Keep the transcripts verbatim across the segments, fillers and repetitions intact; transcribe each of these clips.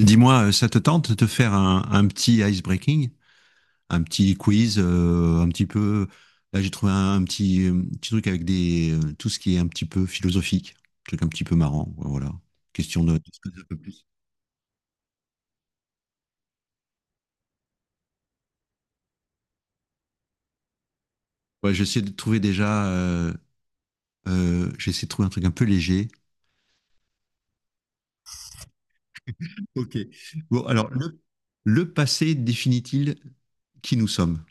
Dis-moi, euh, ça te tente de te faire un, un petit breaking, un petit quiz, euh, un petit peu. Là, j'ai trouvé un, un petit, euh, petit truc avec des, euh, tout ce qui est un petit peu philosophique, un truc un petit peu marrant. Voilà. Question de, de se connaître un peu plus. Ouais, j'essaie de trouver déjà. Euh, euh, j'essaie de trouver un truc un peu léger. Ok. Bon, alors, le, le passé définit-il qui nous sommes?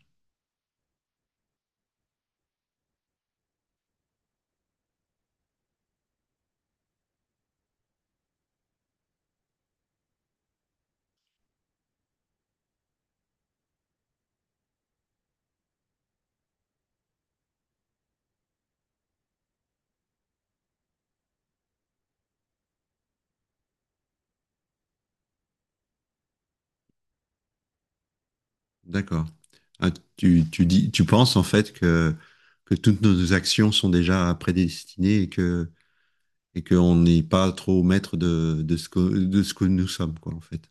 D'accord. Ah, tu, tu dis, tu penses en fait que, que toutes nos actions sont déjà prédestinées et que et qu'on n'est pas trop maître de, de, ce que, de ce que nous sommes, quoi, en fait.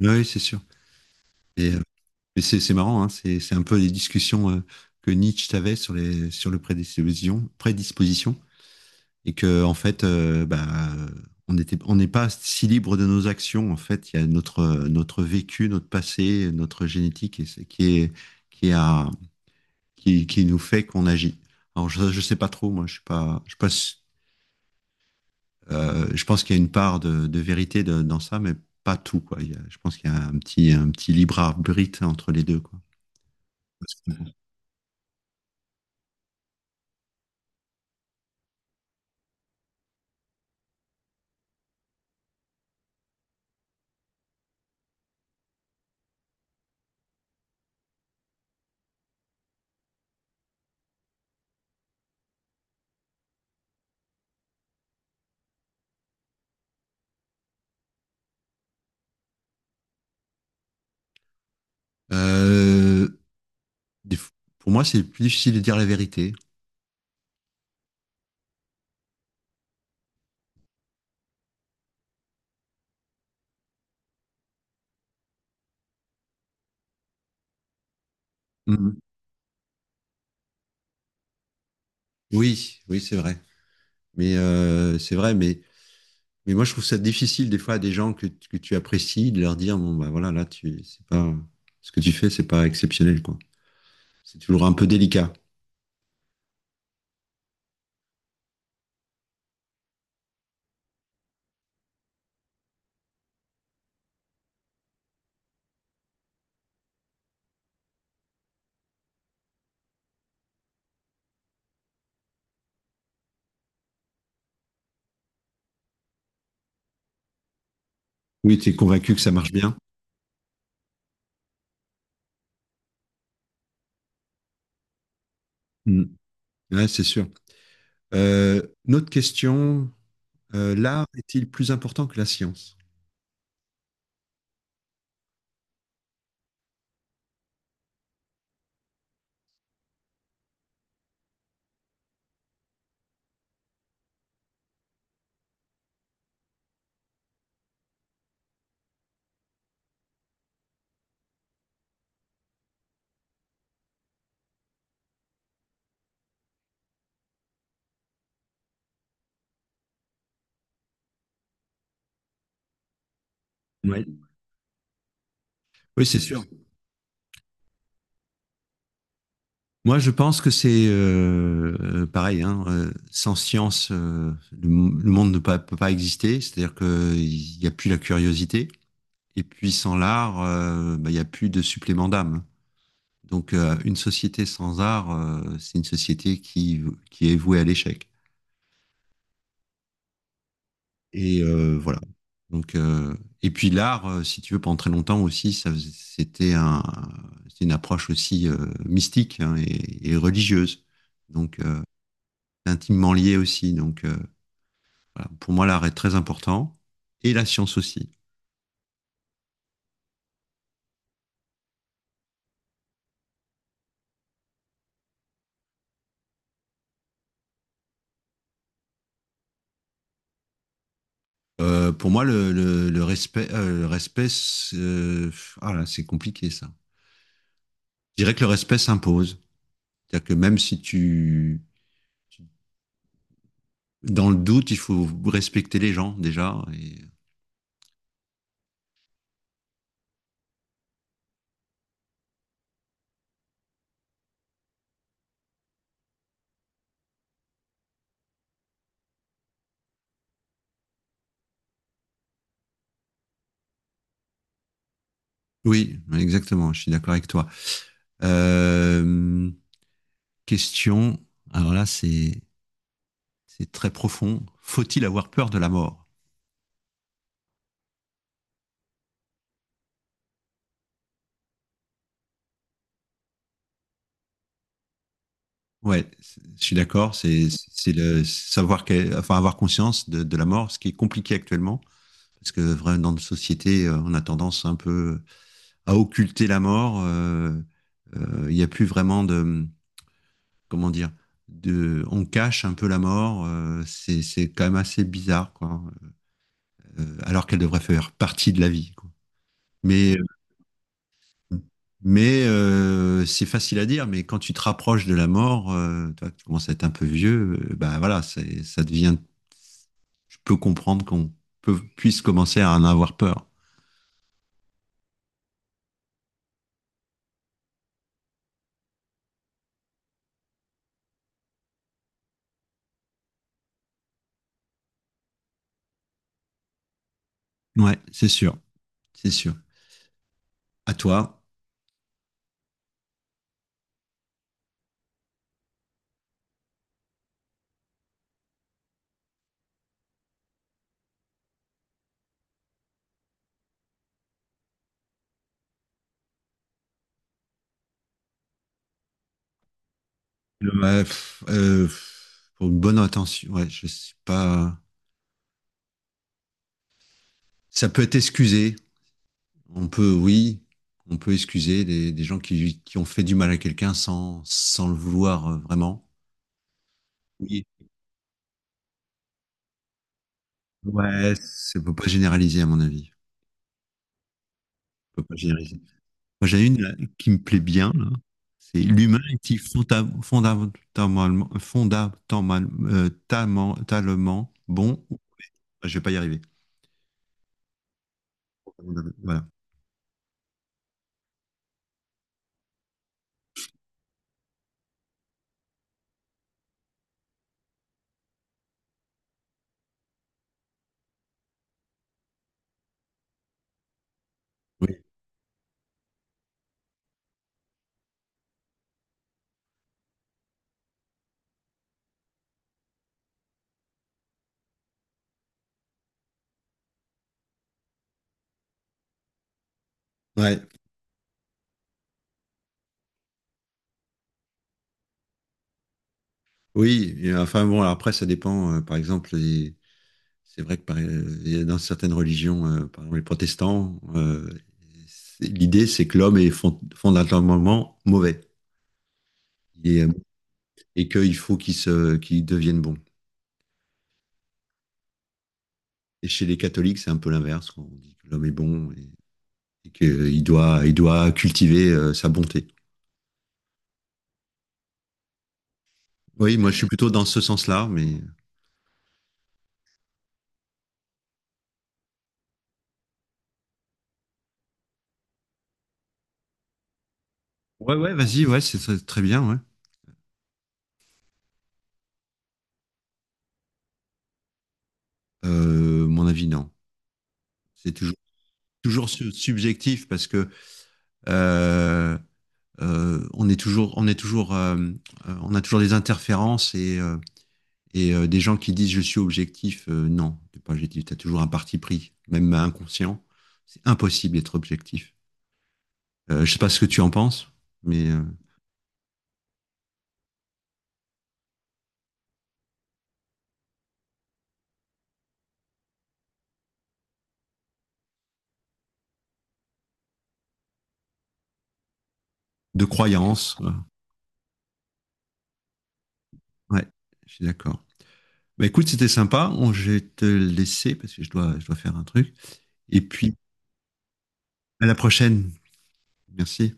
Oui, oui, c'est sûr. Et, euh, mais c'est c'est marrant, hein, c'est c'est un peu les discussions euh, que Nietzsche avait sur les sur le prédisposition, prédisposition et que en fait, euh, bah, on était, on n'est pas si libre de nos actions. En fait, il y a notre euh, notre vécu, notre passé, notre génétique et c'est- qui est qui a qui, qui nous fait qu'on agit. Alors je, je sais pas trop, moi, je suis pas je suis pas. Euh, je pense qu'il y a une part de, de vérité de, dans ça, mais pas tout, quoi. Il y a- je pense qu'il y a un petit, un petit libre arbitre entre les deux, quoi. Euh, pour moi, c'est plus difficile de dire la vérité. Mm-hmm. Oui, oui, c'est vrai. Mais euh, c'est vrai, mais, mais moi, je trouve ça difficile des fois à des gens que, que tu apprécies de leur dire, bon, bah voilà, là, tu, c'est pas, ce que tu fais, c'est pas exceptionnel, quoi. C'est toujours un peu délicat. Oui, tu es convaincu que ça marche bien. Mm. Ouais, c'est sûr. Euh, une autre question: Euh, l'art est-il plus important que la science? Oui, c'est Hmm. sûr. Moi, je pense que c'est euh, euh, pareil, hein. Euh, sans science, euh, le, m- le monde ne pa- peut pas exister. C'est-à-dire qu'il n'y a plus la curiosité. Et puis, sans l'art, euh, bah, il n'y a plus de supplément d'âme. Donc, euh, une société sans art, euh, c'est une société qui, qui est vouée à l'échec. Et euh, voilà. Donc, euh, et puis l'art, euh, si tu veux, pendant très longtemps aussi, ça faisait- c'était un, c'était une approche aussi euh, mystique, hein, et, et religieuse, donc euh, intimement lié aussi. Donc euh, voilà. Pour moi, l'art est très important et la science aussi. Euh, pour moi, le, le- le respect, euh, le respect, c'est- euh, ah là, c'est compliqué ça. Je dirais que le respect s'impose, c'est-à-dire que même si tu, tu- dans le doute, il faut respecter les gens déjà. Et oui, exactement, je suis d'accord avec toi. Euh, Question, alors là, c'est c'est très profond. Faut-il avoir peur de la mort? Ouais, c'est- je suis d'accord, c'est c'est le savoir que, enfin avoir conscience de, de la mort, ce qui est compliqué actuellement, parce que vraiment dans notre société, euh, on a tendance un peu à occulter la mort. euh, euh, Il n'y a plus vraiment de, comment dire, de, on cache un peu la mort. euh, c'est c'est quand même assez bizarre, quoi. Euh, alors qu'elle devrait faire partie de la vie, quoi. Mais euh, mais euh, c'est facile à dire, mais quand tu te rapproches de la mort, euh, toi, que tu commences à être un peu vieux, euh, bah voilà, c'est- ça devient. Je peux comprendre qu'on peut- puisse commencer à en avoir peur. Ouais, c'est sûr, c'est sûr. À toi. Ouais, pff, euh, pff, pour une bonne intention, ouais, je sais pas. Ça peut être excusé. On peut, oui, on peut excuser des, des gens qui, qui ont fait du mal à quelqu'un sans, sans le vouloir euh, vraiment. Ouais, c'est- on peut pas généraliser, à mon avis. On peut pas généraliser. Moi, j'ai une là, qui me plaît bien là. C'est: l'humain est-il fonda- fondamentalement, fondamentalement, euh, tamentalement bon? ou- Je vais pas y arriver. Voilà. Oui. Ouais. Oui. Et enfin bon, alors après ça dépend. Euh, par exemple, les- c'est vrai que par- euh, il y a dans certaines religions, euh, par exemple les protestants, euh, c'est- l'idée c'est que l'homme est fond- fondamentalement mauvais. Il est- et qu'il faut qu'il se, qu'il devienne bon. Et chez les catholiques, c'est un peu l'inverse. On dit que l'homme est bon et, et qu'il doit, il doit cultiver euh, sa bonté. Oui, moi, je suis plutôt dans ce sens-là, mais. Ouais, ouais, vas-y, ouais, c'est très, très bien, ouais. Euh, mon avis, non. C'est toujours, toujours su- subjectif, parce que euh, euh, on est toujours, on est toujours, euh, euh, on a toujours des interférences. Et euh, et euh, des gens qui disent je suis objectif. Euh, non, t'es pas objectif. T'as toujours un parti pris, même inconscient. C'est impossible d'être objectif. Euh, je sais pas ce que tu en penses, mais euh, de croyances. Ouais, je suis d'accord. Bah, écoute, c'était sympa. On, je vais te laisser parce que je dois, je dois faire un truc. Et puis, à la prochaine. Merci.